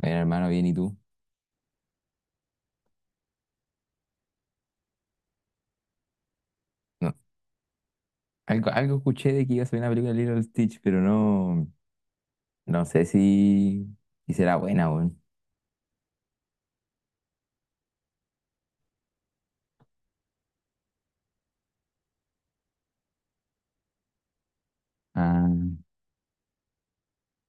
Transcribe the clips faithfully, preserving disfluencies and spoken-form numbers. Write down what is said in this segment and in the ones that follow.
Bueno, hermano, bien, ¿y tú? No, algo, algo escuché de que iba a salir una película de Lilo Stitch, pero no, no sé si, si será buena, weón. Ah,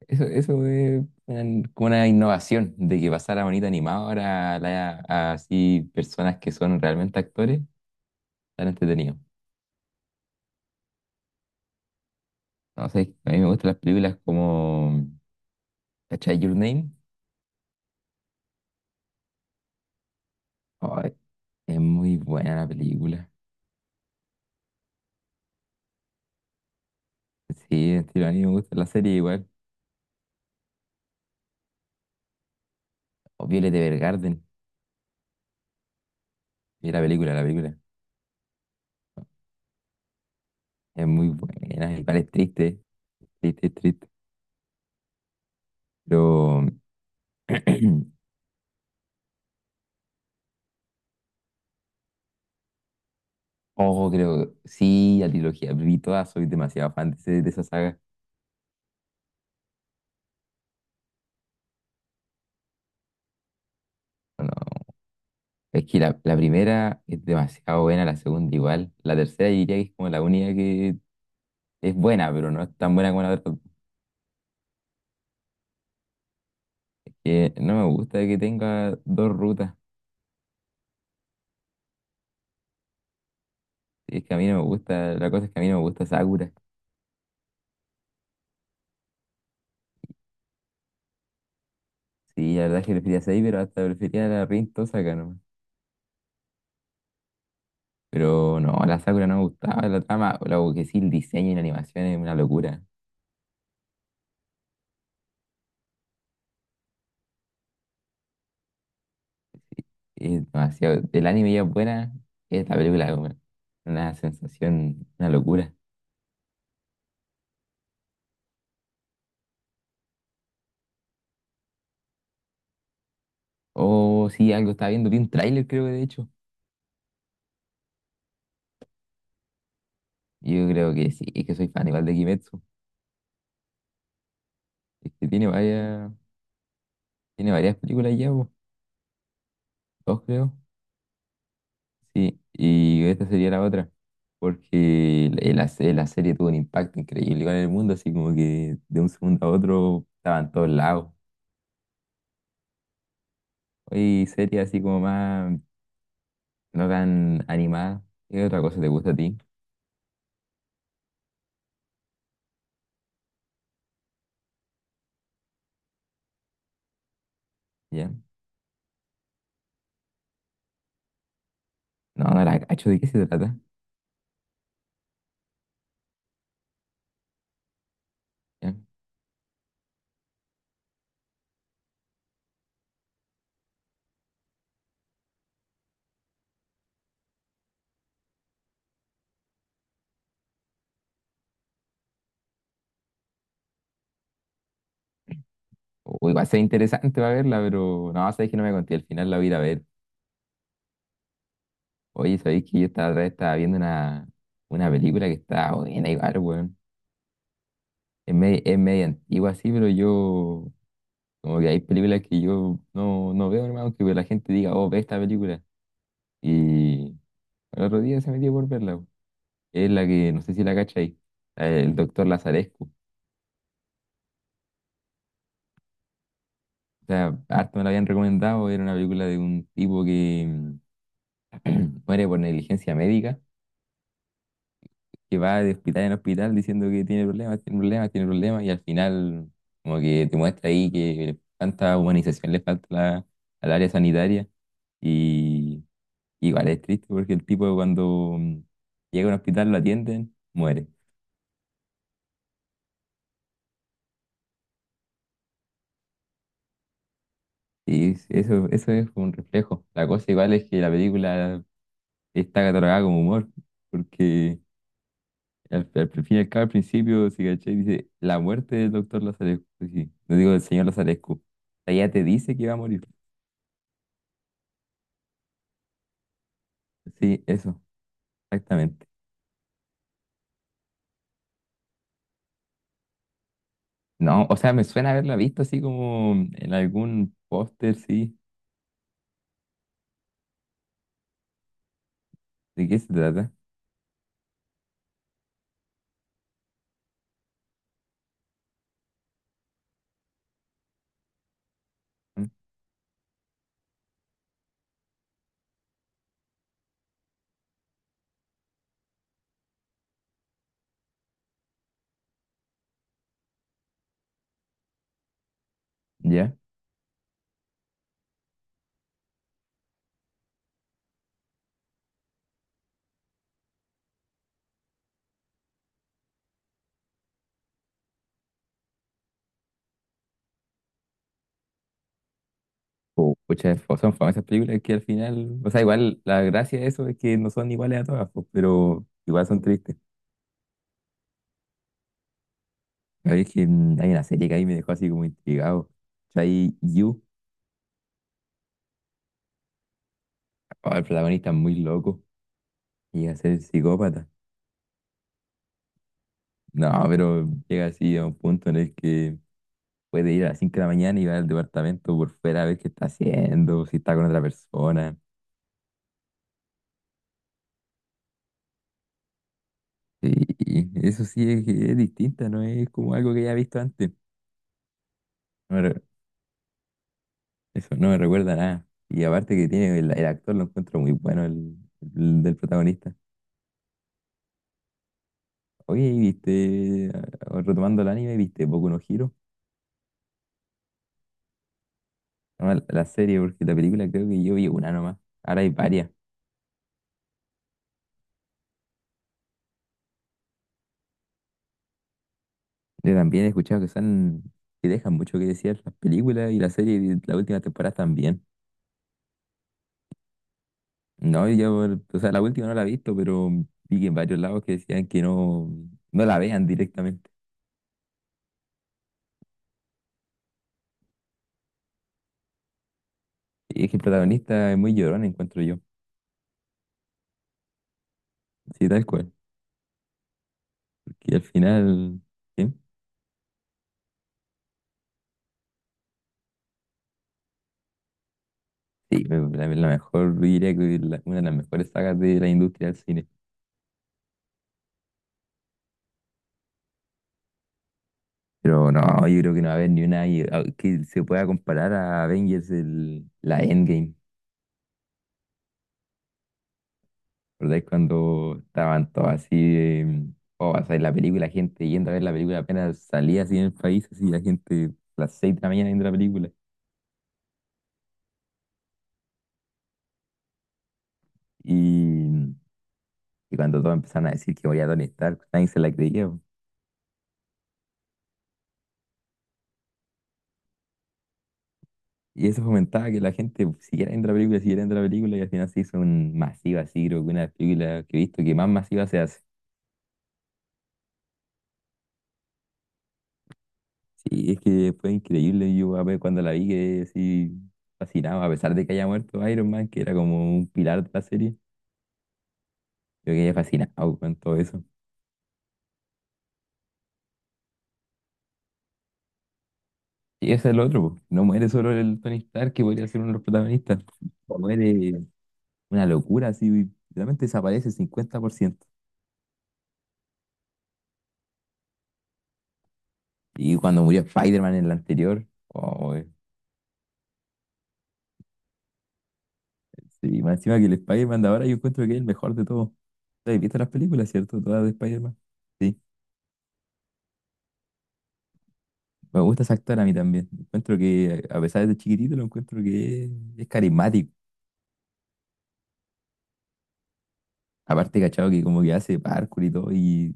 Eso, eso es una- como una innovación de que pasara bonita animada ahora a, la- a así personas que son realmente actores, tan entretenido. No sé, a mí me gustan las películas como ¿Cachai Your Name? Ay, es muy buena la película. Sí, estilo, a mí me gusta la serie igual. O Violet Evergarden. Y la película, la película. Es muy buena, igual es triste, triste, triste. Pero, ojo, creo, sí, la trilogía, vi todas, soy demasiado fan de, ese- de esa saga. No, es que la, la primera es demasiado buena, la segunda igual. La tercera yo diría que es como la única que es buena, pero no es tan buena como la otra. Que no me gusta que tenga dos rutas. Es que a mí no me gusta, la cosa es que a mí no me gusta Sakura. Sí, la verdad es que prefería Saber, pero hasta prefería la Rin Tosaka. Pero no, la Sakura no me gustaba, la trama. Lo que sí, el diseño y la animación es una locura. Es demasiado. El anime ya es buena, es la película es una, una sensación, una locura. O sí, algo estaba viendo, vi un tráiler creo que de hecho. Yo creo que sí, es que soy fan igual de Kimetsu. Es que tiene varias, tiene varias películas ya, po, dos creo. Sí, y esta sería la otra. Porque la, la la serie tuvo un impacto increíble igual en el mundo, así como que de un segundo a otro estaban todos lados. Y series así como más no tan animada. ¿Qué otra cosa te gusta a ti? ¿Ya? No, no la cacho, ¿de qué se trata? ¿Ya? O igual sea interesante para verla, pero no, sabes que no me conté, al final la voy a ir a ver. Oye, sabéis que yo estaba, otra vez estaba viendo una, una película que está buena igual, weón. Es media, es media antigua así, pero yo, como que hay películas que yo no, no veo, hermano, que la gente diga, oh, ve esta película. Y el otro día se metió por verla, weón. Es la que, no sé si la cachai, la del doctor Lazarescu. O sea, harto me la habían recomendado, era una película de un tipo que mm, muere por negligencia médica, que va de hospital en hospital diciendo que tiene problemas, tiene problemas, tiene problemas, y al final como que te muestra ahí que tanta humanización le falta a la- al área sanitaria. Y igual es triste porque el tipo, cuando mm, llega a un hospital, lo atienden, muere. Y es- eso, eso es un reflejo. La cosa igual es que la película está catalogada como humor, porque... Al, al- al fin y al cabo, al principio, si cachai, dice la muerte del doctor Lazarescu. Sí, sí, no digo del señor Lazarescu. O sea, ya te dice que va a morir. Sí, eso, exactamente. No, o sea, me suena haberla visto así como en algún póster, sí. ¿De qué se trata? ¿Mm? ¿Ya? O pucha, son famosas películas que al final, o sea, igual la gracia de eso es que no son iguales a todas, pues, pero igual son tristes. La verdad es que mm, hay una serie que ahí me dejó así como intrigado. O sea, ahí You, oh, el protagonista es muy loco. Llega a ser psicópata. No, pero llega así a un punto en el que puede ir a las cinco de la mañana y va al departamento por fuera a ver qué está haciendo, si está con otra persona. Y eso sí es, es distinta, no es como algo que ya he visto antes. No me re- Eso no me recuerda a nada. Y aparte que tiene el, el actor, lo encuentro muy bueno, el, el del protagonista. Oye, ¿y ¿viste? Ah, retomando el anime, ¿viste Boku no Hero? No, la la serie, porque la película creo que yo vi una nomás. Ahora hay varias. Yo también he escuchado que son, que dejan mucho que decir las películas y la serie, y la última temporada también. No, y yo, o sea, la última no la he visto, pero vi que en varios lados que decían que no, no la vean directamente. Y es que el protagonista es muy llorón, encuentro yo. Sí, tal cual. Porque al final, sí, sí, me- la, la mejor, yo diría que la- una de las mejores sagas de la industria del cine. Pero no, yo creo que no va a haber ni una y- a- que se pueda comparar a Avengers, el, la Endgame. ¿Recordáis cuando estaban todos así, eh, o sea, en la película, la gente yendo a ver la película apenas salía así en el país, así la gente a las seis de la mañana viendo la película? Y, mm, y cuando todos empezaron a decir que moría Tony Stark, nadie se la creía, po. Y eso fomentaba que la gente siguiera viendo la película, siguiera viendo la película, y al final se hizo un masivo así, creo que una de las películas que he visto que más masiva se hace. Sí, es que fue increíble, yo a ver cuando la vi que así fascinado, a pesar de que haya muerto Iron Man, que era como un pilar de la serie. Yo quedé fascinado con todo eso. Y ese es el otro, po. No muere solo el Tony Stark, que podría ser uno de los protagonistas. No muere, una locura, así, realmente desaparece el cincuenta por ciento. Y cuando murió Spider-Man en el anterior, oh, eh, sí, más encima que el Spider-Man de ahora, yo encuentro que es el mejor de todos. ¿Has visto las películas, cierto? Todas de Spider-Man. Sí, me gusta ese actor a mí también. Encuentro que, a pesar de ser chiquitito, lo encuentro que es, es carismático. Aparte, cachado, que como que hace parkour y todo, y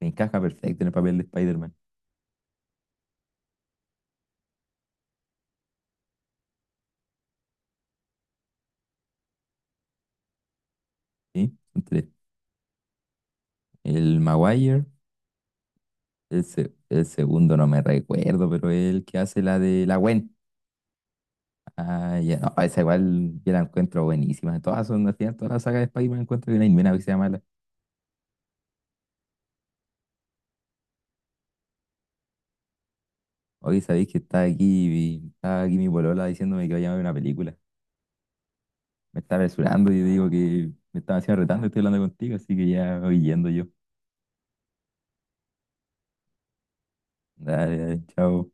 encaja perfecto en el papel de Spider-Man. ¿Sí? El Maguire, el, se- el segundo no me recuerdo, pero es el que hace la de la Gwen. Ah, ya, no, esa igual yo la encuentro buenísima. Todas son, al final, toda la saga de Spider-Man encuentro que no hay ni una que sea mala. Hoy sabéis que está aquí, está aquí mi polola diciéndome que vaya a ver una película. Me está resurando y yo digo que me estaba haciendo retando, estoy hablando contigo, así que ya voy yendo yo. Dale, dale, chao.